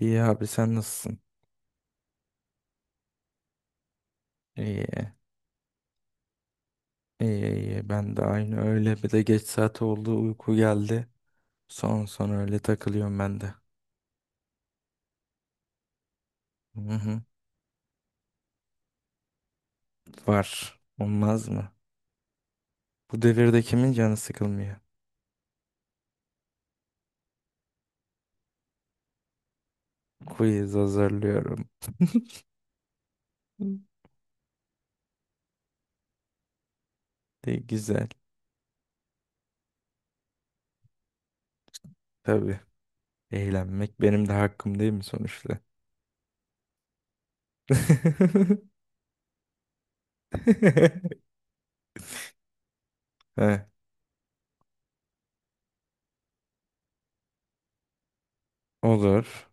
İyi abi sen nasılsın? İyi. İyi iyi ben de aynı öyle bir de geç saat oldu uyku geldi. Son son öyle takılıyorum ben de. Hı hı. Var. Olmaz mı? Bu devirde kimin canı sıkılmıyor? Quiz hazırlıyorum. De güzel. Tabii. Eğlenmek benim de hakkım değil mi sonuçta? Heh, olur.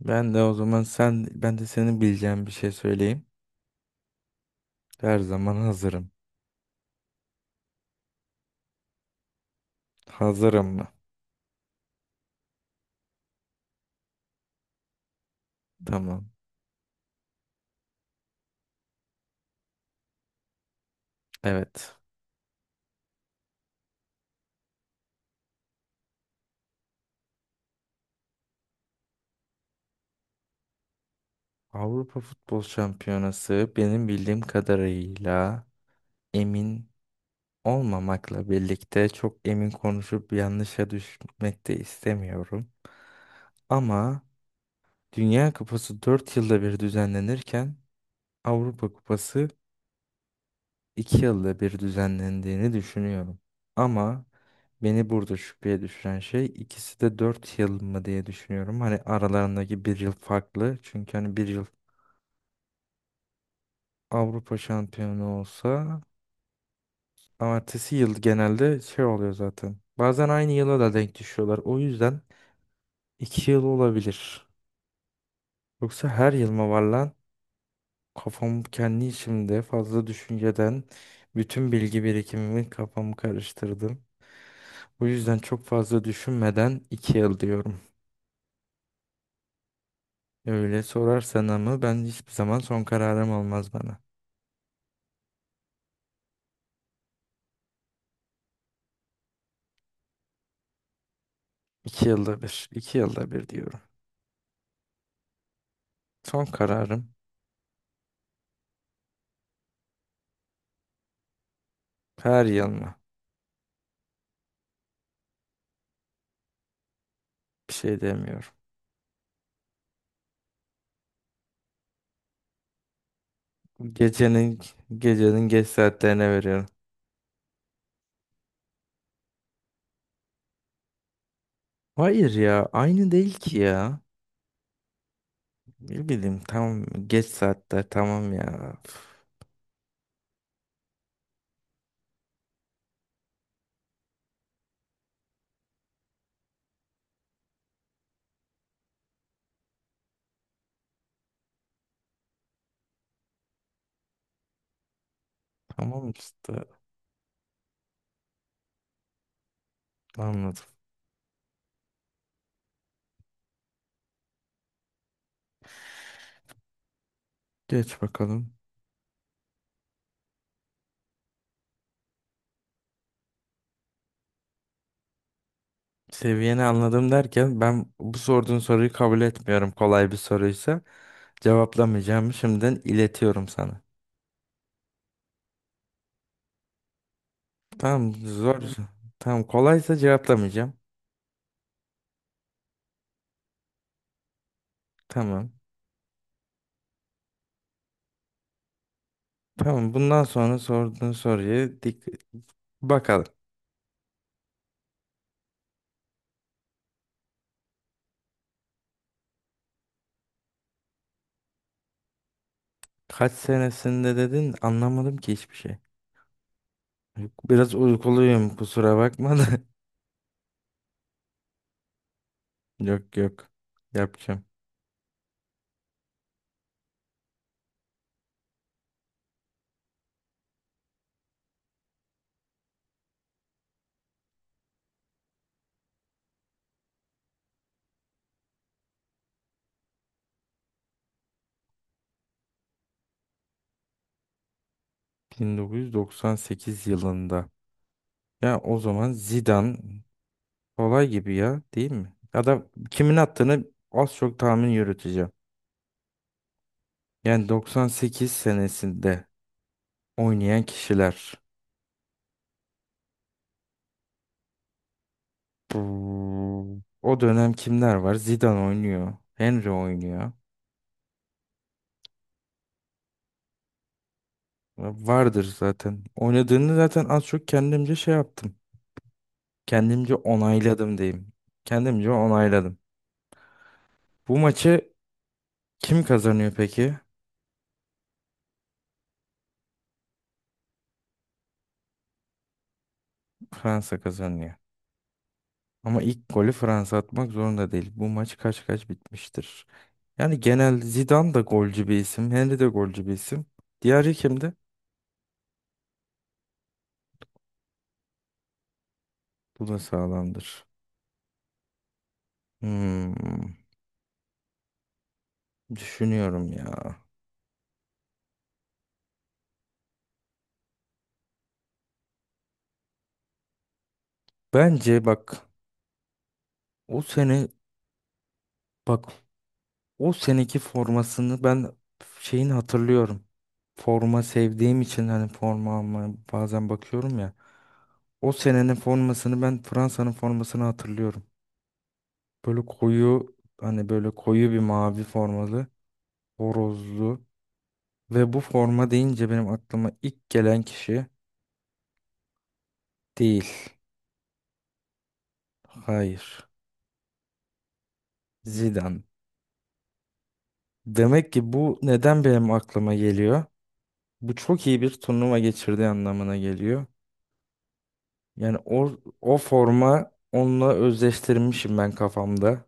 Ben de o zaman ben de senin bileceğin bir şey söyleyeyim. Her zaman hazırım. Hazırım mı? Tamam. Evet. Avrupa Futbol Şampiyonası benim bildiğim kadarıyla emin olmamakla birlikte çok emin konuşup yanlışa düşmek de istemiyorum. Ama Dünya Kupası 4 yılda bir düzenlenirken Avrupa Kupası 2 yılda bir düzenlendiğini düşünüyorum. Ama beni burada şüpheye düşüren şey ikisi de 4 yıl mı diye düşünüyorum. Hani aralarındaki bir yıl farklı. Çünkü hani bir yıl Avrupa şampiyonu olsa ama ertesi yıl genelde şey oluyor zaten. Bazen aynı yıla da denk düşüyorlar. O yüzden 2 yıl olabilir. Yoksa her yıl mı var lan? Kafam kendi içimde fazla düşünceden bütün bilgi birikimimi kafamı karıştırdım. Bu yüzden çok fazla düşünmeden 2 yıl diyorum. Öyle sorarsan ama ben hiçbir zaman son kararım olmaz bana. 2 yılda bir, 2 yılda bir diyorum. Son kararım her yıl mı? Bir şey demiyorum. Gecenin gecenin geç saatlerine veriyorum. Hayır ya aynı değil ki ya. Ne bileyim tamam geç saatler tamam ya. Tamam işte anladım. Geç bakalım. Seviyeni anladım derken ben bu sorduğun soruyu kabul etmiyorum. Kolay bir soruysa cevaplamayacağımı şimdiden iletiyorum sana. Tamam zor. Tamam. Tamam kolaysa cevaplamayacağım. Tamam. Tamam bundan sonra sorduğun soruyu dik bakalım. Kaç senesinde dedin anlamadım ki hiçbir şey. Yok, biraz uykuluyum kusura bakma da. Yok yok. Yapacağım. 1998 yılında. Ya o zaman Zidane kolay gibi ya değil mi? Ya da kimin attığını az çok tahmin yürüteceğim. Yani 98 senesinde oynayan kişiler. O dönem kimler var? Zidane oynuyor. Henry oynuyor. Vardır zaten. Oynadığını zaten az çok kendimce şey yaptım. Kendimce onayladım diyeyim. Kendimce onayladım. Bu maçı kim kazanıyor peki? Fransa kazanıyor. Ama ilk golü Fransa atmak zorunda değil. Bu maç kaç kaç bitmiştir. Yani genel Zidane da golcü bir isim. Henry de golcü bir isim. Diğeri kimdi? Bu da sağlamdır. Hmm, düşünüyorum ya. Bence bak, o sene bak o seneki formasını ben şeyini hatırlıyorum. Forma sevdiğim için hani forma almaya bazen bakıyorum ya. O senenin formasını ben Fransa'nın formasını hatırlıyorum. Böyle koyu hani böyle koyu bir mavi formalı, horozlu ve bu forma deyince benim aklıma ilk gelen kişi değil. Hayır. Zidane. Demek ki bu neden benim aklıma geliyor? Bu çok iyi bir turnuva geçirdiği anlamına geliyor. Yani o, o forma onunla özdeştirmişim ben kafamda.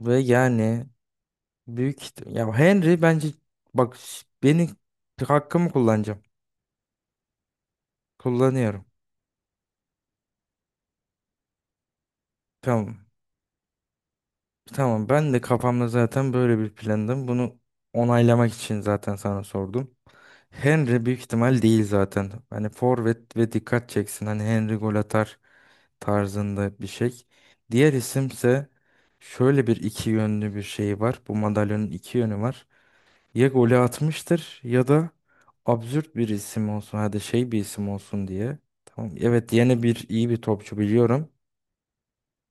Ve yani ya Henry bence bak, beni hakkımı kullanacağım. Kullanıyorum. Tamam. Tamam ben de kafamda zaten böyle bir plandım. Bunu onaylamak için zaten sana sordum. Henry büyük ihtimal değil zaten. Hani forvet ve dikkat çeksin. Hani Henry gol atar tarzında bir şey. Diğer isimse şöyle bir iki yönlü bir şey var. Bu madalyonun iki yönü var. Ya golü atmıştır ya da absürt bir isim olsun. Hadi şey bir isim olsun diye. Tamam. Evet yeni bir iyi bir topçu biliyorum.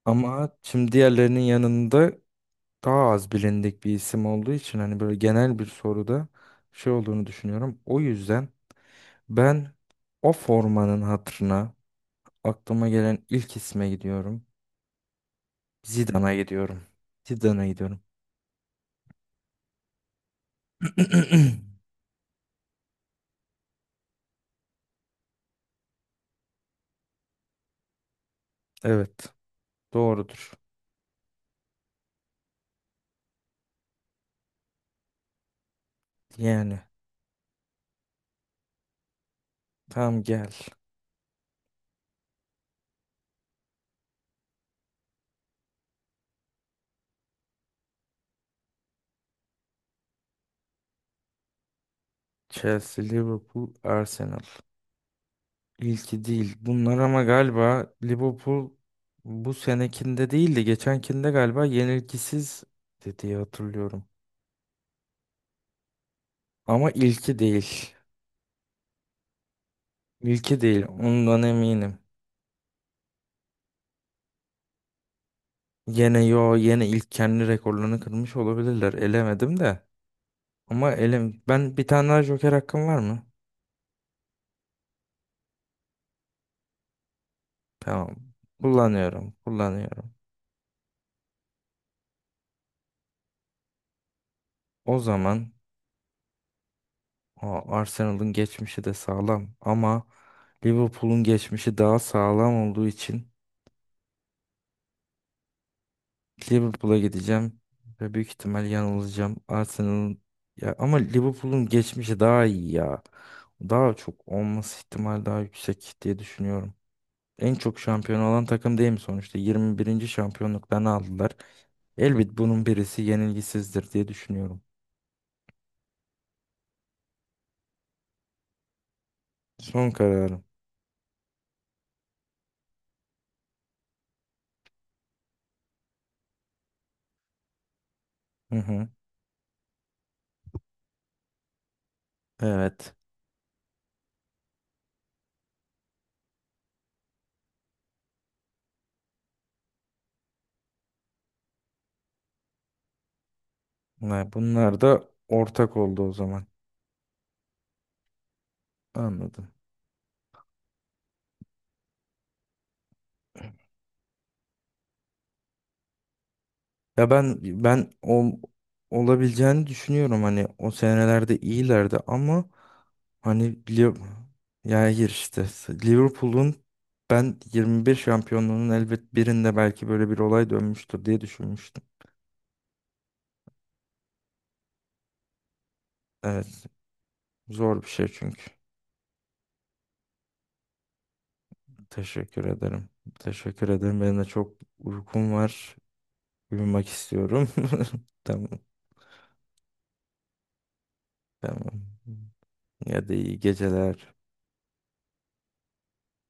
Ama şimdi diğerlerinin yanında daha az bilindik bir isim olduğu için hani böyle genel bir soruda şey olduğunu düşünüyorum. O yüzden ben o formanın hatırına aklıma gelen ilk isme gidiyorum. Zidane'a gidiyorum. Zidane'a gidiyorum. Evet, doğrudur. Yani tam gel. Chelsea, Liverpool, Arsenal. İlki değil. Bunlar ama galiba Liverpool bu senekinde değil de geçenkinde galiba yenilgisiz dediği hatırlıyorum. Ama ilki değil. İlki değil. Ondan eminim. Yine ilk kendi rekorlarını kırmış olabilirler. Elemedim de. Ama ben bir tane daha Joker hakkım var mı? Tamam. Kullanıyorum. Kullanıyorum. O zaman o Arsenal'ın geçmişi de sağlam ama Liverpool'un geçmişi daha sağlam olduğu için Liverpool'a gideceğim ve büyük ihtimal yanılacağım. Arsenal'ın ya ama Liverpool'un geçmişi daha iyi ya. Daha çok olması ihtimal daha yüksek diye düşünüyorum. En çok şampiyon olan takım değil mi sonuçta? 21. şampiyonluklarını aldılar. Elbet bunun birisi yenilgisizdir diye düşünüyorum. Son kararım. Hı hı. Evet. Bunlar da ortak oldu o zaman. Anladım. Ya ben o olabileceğini düşünüyorum hani o senelerde iyilerdi ama hani Liv- ya hayır işte Liverpool'un ben 21 şampiyonluğunun elbet birinde belki böyle bir olay dönmüştür diye düşünmüştüm. Evet zor bir şey çünkü. Teşekkür ederim. Teşekkür ederim. Benim de çok uykum var. Uyumak istiyorum. Tamam. Tamam. Ya da iyi geceler.